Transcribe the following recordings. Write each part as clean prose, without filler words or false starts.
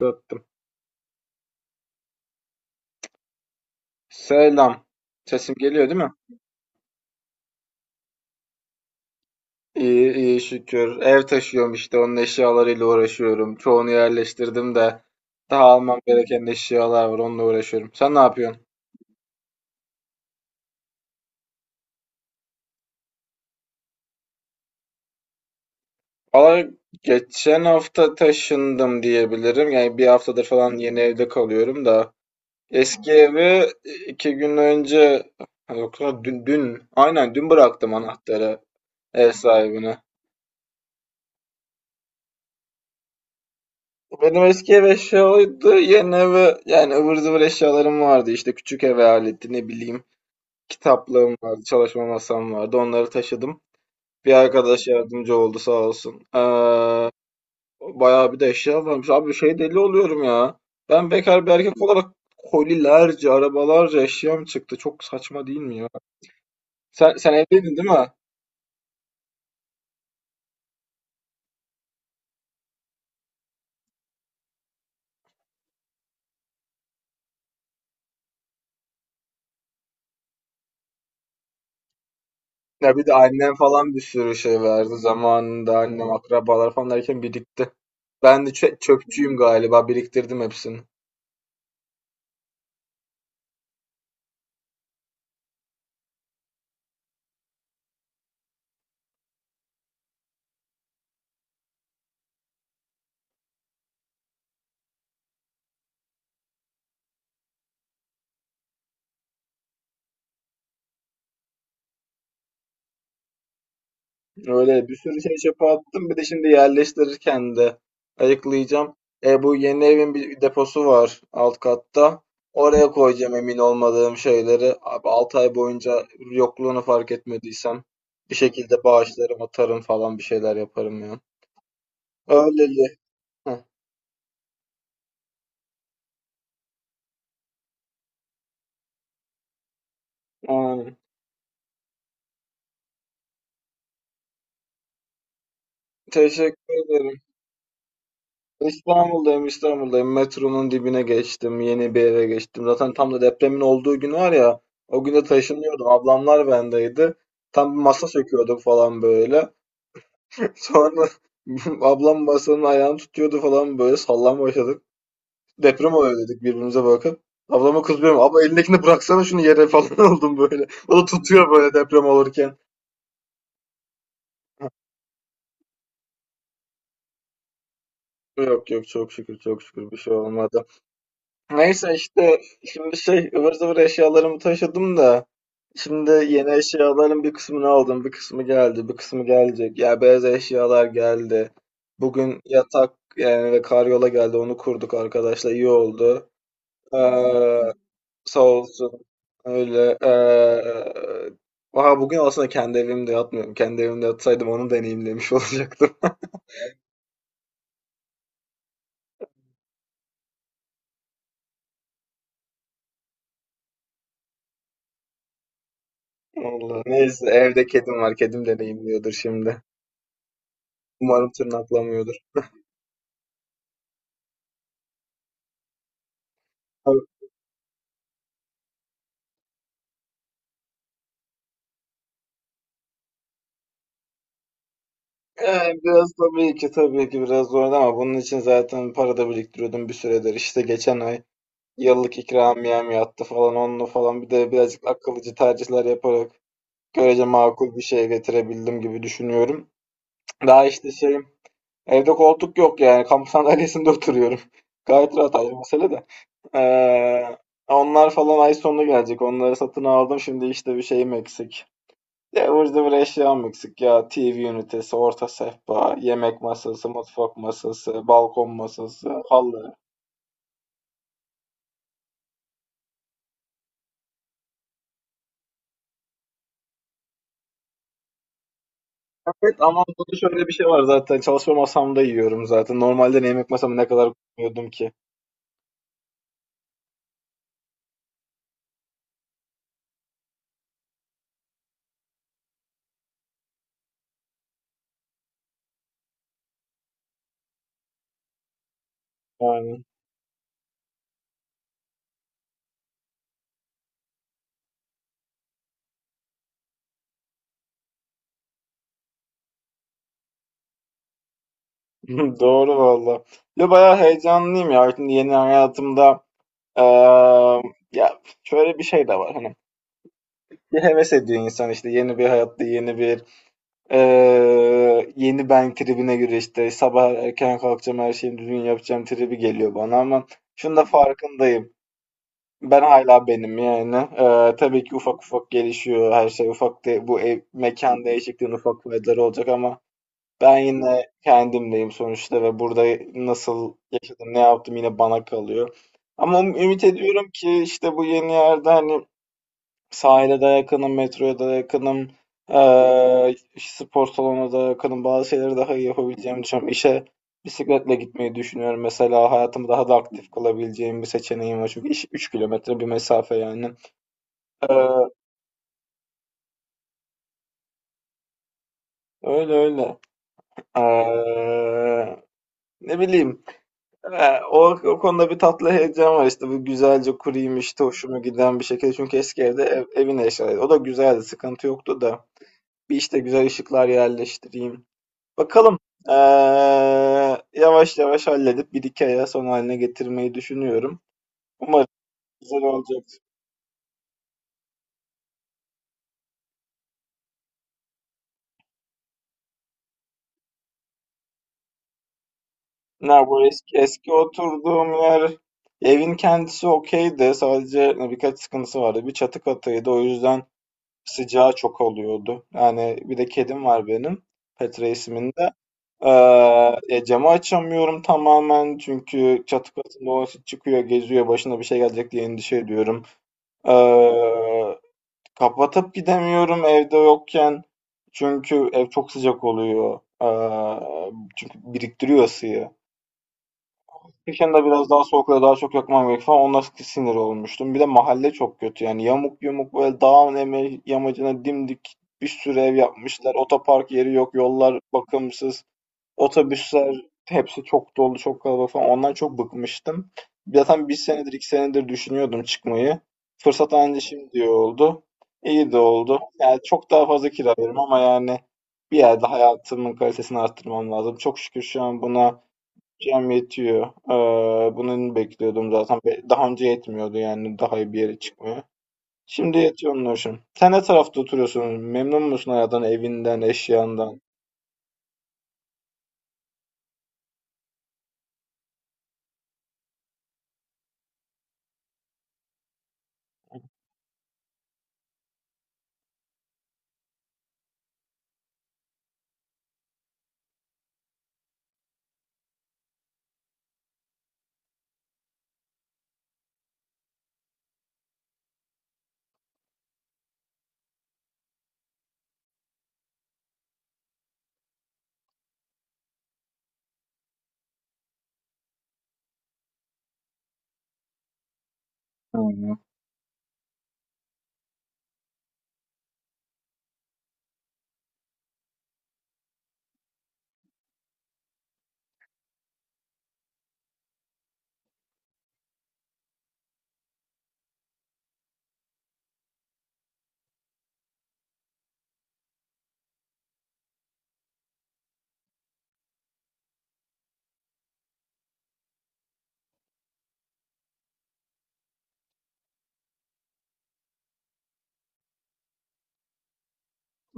Döttüm. Selam. Sesim geliyor değil mi? İyi iyi şükür. Ev taşıyorum işte onun eşyalarıyla uğraşıyorum. Çoğunu yerleştirdim de daha almam gereken eşyalar var onunla uğraşıyorum. Sen ne yapıyorsun? Valla geçen hafta taşındım diyebilirim. Yani bir haftadır falan yeni evde kalıyorum da. Eski evi iki gün önce yok lan dün, dün aynen bıraktım anahtarı ev sahibine. Benim eski ev eşya oydu. Yeni eve yani ıvır zıvır eşyalarım vardı. İşte küçük eve aleti ne bileyim kitaplığım vardı, çalışma masam vardı. Onları taşıdım. Bir arkadaş yardımcı oldu sağ olsun. Bayağı bir de eşya varmış. Abi şey deli oluyorum ya. Ben bekar bir erkek olarak kolilerce, arabalarca eşyam çıktı. Çok saçma değil mi ya? Sen evliydin değil mi? Ya bir de annem falan bir sürü şey verdi zamanında annem akrabalar falan derken birikti. Ben de çöpçüyüm galiba biriktirdim hepsini. Öyle bir sürü şey çöpe attım bir de şimdi yerleştirirken de ayıklayacağım. E bu yeni evin bir deposu var alt katta. Oraya koyacağım emin olmadığım şeyleri. Abi 6 ay boyunca yokluğunu fark etmediysem bir şekilde bağışlarım atarım falan bir şeyler yaparım ya. Öyleli. Heh, aynen. Teşekkür ederim. İstanbul'dayım, İstanbul'dayım. Metronun dibine geçtim, yeni bir eve geçtim. Zaten tam da depremin olduğu gün var ya, o gün taşınıyordum. Ablamlar bendeydi. Tam bir masa söküyorduk falan böyle. Sonra ablam masanın ayağını tutuyordu falan böyle sallan başladık. Deprem oluyor dedik birbirimize bakıp. Ablama kızıyorum. Abla elindekini bıraksana şunu yere falan oldum böyle. O da tutuyor böyle deprem olurken. Yok yok çok şükür çok şükür bir şey olmadı. Neyse işte şimdi şey ıvır zıvır eşyalarımı taşıdım da şimdi yeni eşyaların bir kısmını aldım bir kısmı geldi bir kısmı gelecek ya beyaz eşyalar geldi bugün yatak yani ve karyola geldi onu kurduk arkadaşlar iyi oldu ee, sağ olsun öyle, aha bugün aslında kendi evimde yatmıyorum kendi evimde yatsaydım onu deneyimlemiş olacaktım. Vallahi. Neyse evde kedim var kedim deneyimliyordur şimdi umarım tırnaklamıyordur. Yani biraz tabii ki tabii ki biraz zordu ama bunun için zaten para da biriktiriyordum bir süredir. İşte geçen ay yıllık ikramiyem yattı falan onunla falan bir de birazcık akıllıcı tercihler yaparak görece makul bir şey getirebildim gibi düşünüyorum. Daha işte şeyim evde koltuk yok yani kamp sandalyesinde oturuyorum. Gayet rahat ayrı mesele de. Ee, Onlar falan ay sonuna gelecek. Onları satın aldım. Şimdi işte bir şeyim eksik. Ya burada bir eşyam eksik ya. TV ünitesi, orta sehpa, yemek masası, mutfak masası, balkon masası, halı. Evet ama burada şöyle bir şey var zaten. Çalışma masamda yiyorum zaten. Normalde ne yemek masamı ne kadar koyuyordum ki. Yani. Doğru valla. Ya bayağı heyecanlıyım ya. Şimdi yeni hayatımda eee, ya şöyle bir şey de var. Hani bir heves ediyor insan işte yeni bir hayatta yeni bir. Yeni ben tribine göre işte sabah erken kalkacağım her şeyi düzgün yapacağım tribi geliyor bana ama şunu da farkındayım. Ben hala benim yani. Tabii ki ufak ufak gelişiyor her şey. Ufak de, bu ev, mekan değişikliğinin ufak faydaları olacak ama ben yine kendimdeyim sonuçta ve burada nasıl yaşadım ne yaptım yine bana kalıyor. Ama ümit ediyorum ki işte bu yeni yerde hani. Sahile de yakınım, metroya da yakınım. İşte spor salonuna da yakınım. Bazı şeyleri daha iyi yapabileceğimi düşünüyorum. İşe bisikletle gitmeyi düşünüyorum. Mesela hayatımı daha da aktif kılabileceğim bir seçeneğim var. Çünkü iş 3 kilometre bir mesafe yani. Eee, Öyle öyle. Eee, Ne bileyim. Eee, o, O konuda bir tatlı heyecan var işte. Bu güzelce kurayım işte hoşuma giden bir şekilde. Çünkü eski evde ev, evin eşyaları. O da güzeldi. Sıkıntı yoktu da. Bir işte güzel ışıklar yerleştireyim. Bakalım. Eee, Yavaş yavaş halledip bir iki aya son haline getirmeyi düşünüyorum. Umarım güzel olacak. Ne bu eski oturduğum yer evin kendisi okeydi. Sadece birkaç sıkıntısı vardı. Bir çatı katıydı. O yüzden sıcağı çok oluyordu. Yani bir de kedim var benim. Petra isminde. Camı açamıyorum tamamen çünkü çatı katında o çıkıyor, geziyor, başına bir şey gelecek diye endişe ediyorum. Eee Kapatıp gidemiyorum evde yokken. Çünkü ev çok sıcak oluyor. Çünkü biriktiriyor ısıyı. Kışın da biraz daha soğuklara daha çok yakmam gerek falan. Ona sinir olmuştum. Bir de mahalle çok kötü. Yani yamuk yumuk böyle dağın yamacına dimdik bir sürü ev yapmışlar. Otopark yeri yok, yollar bakımsız. Otobüsler hepsi çok dolu, çok kalabalık falan. Ondan çok bıkmıştım. Zaten bir senedir, iki senedir düşünüyordum çıkmayı. Fırsat anca şimdi oldu. İyi de oldu. Yani çok daha fazla kira veririm ama yani bir yerde hayatımın kalitesini arttırmam lazım. Çok şükür şu an buna cem yetiyor. Bunu bekliyordum zaten. Daha önce yetmiyordu yani daha iyi bir yere çıkmaya. Şimdi yetiyor onun hoşum. Sen ne tarafta oturuyorsun? Memnun musun hayattan, evinden, eşyandan? Hı. Hı.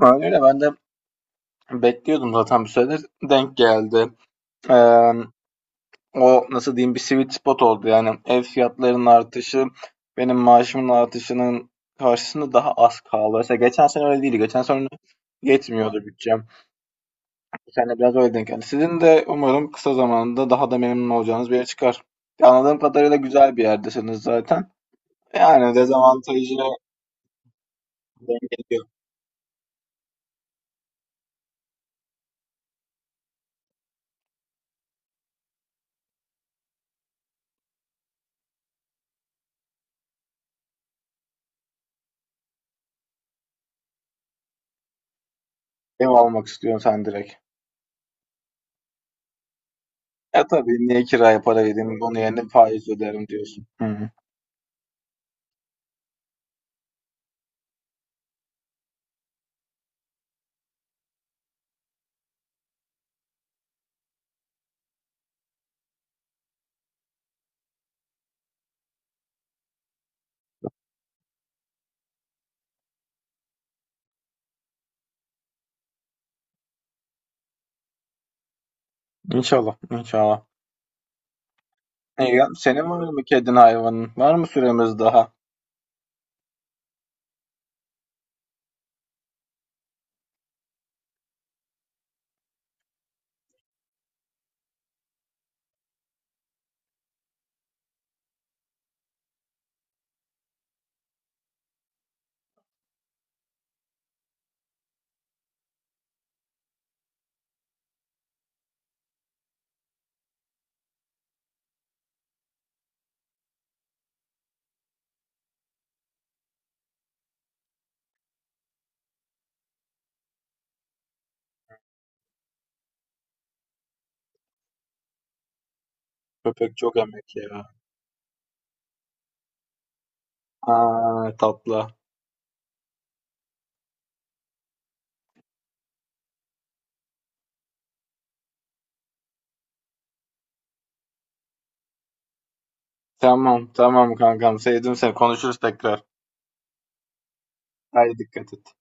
Öyle ben de. Bekliyordum zaten bir süredir. Denk geldi. Eee, O nasıl diyeyim bir sweet spot oldu. Yani ev fiyatlarının artışı benim maaşımın artışının karşısında daha az kaldı. Mesela geçen sene öyle değildi. Geçen sene yetmiyordu bütçem. Bu sene biraz öyle denk geldi. Sizin de umarım kısa zamanda daha da memnun olacağınız bir yere çıkar. Anladığım kadarıyla güzel bir yerdesiniz zaten. Yani dezavantajı dengeliyor. Ev almak istiyorsun sen direkt. Ya tabii niye kiraya para vereyim onun yerine faiz öderim diyorsun. Hı hı. İnşallah, inşallah. Senin var mı kedin hayvanın? Var mı süremiz daha? Köpek çok emek ya. Aa, tatlı. Tamam, tamam kankam. Sevdim seni. Konuşuruz tekrar. Haydi dikkat et.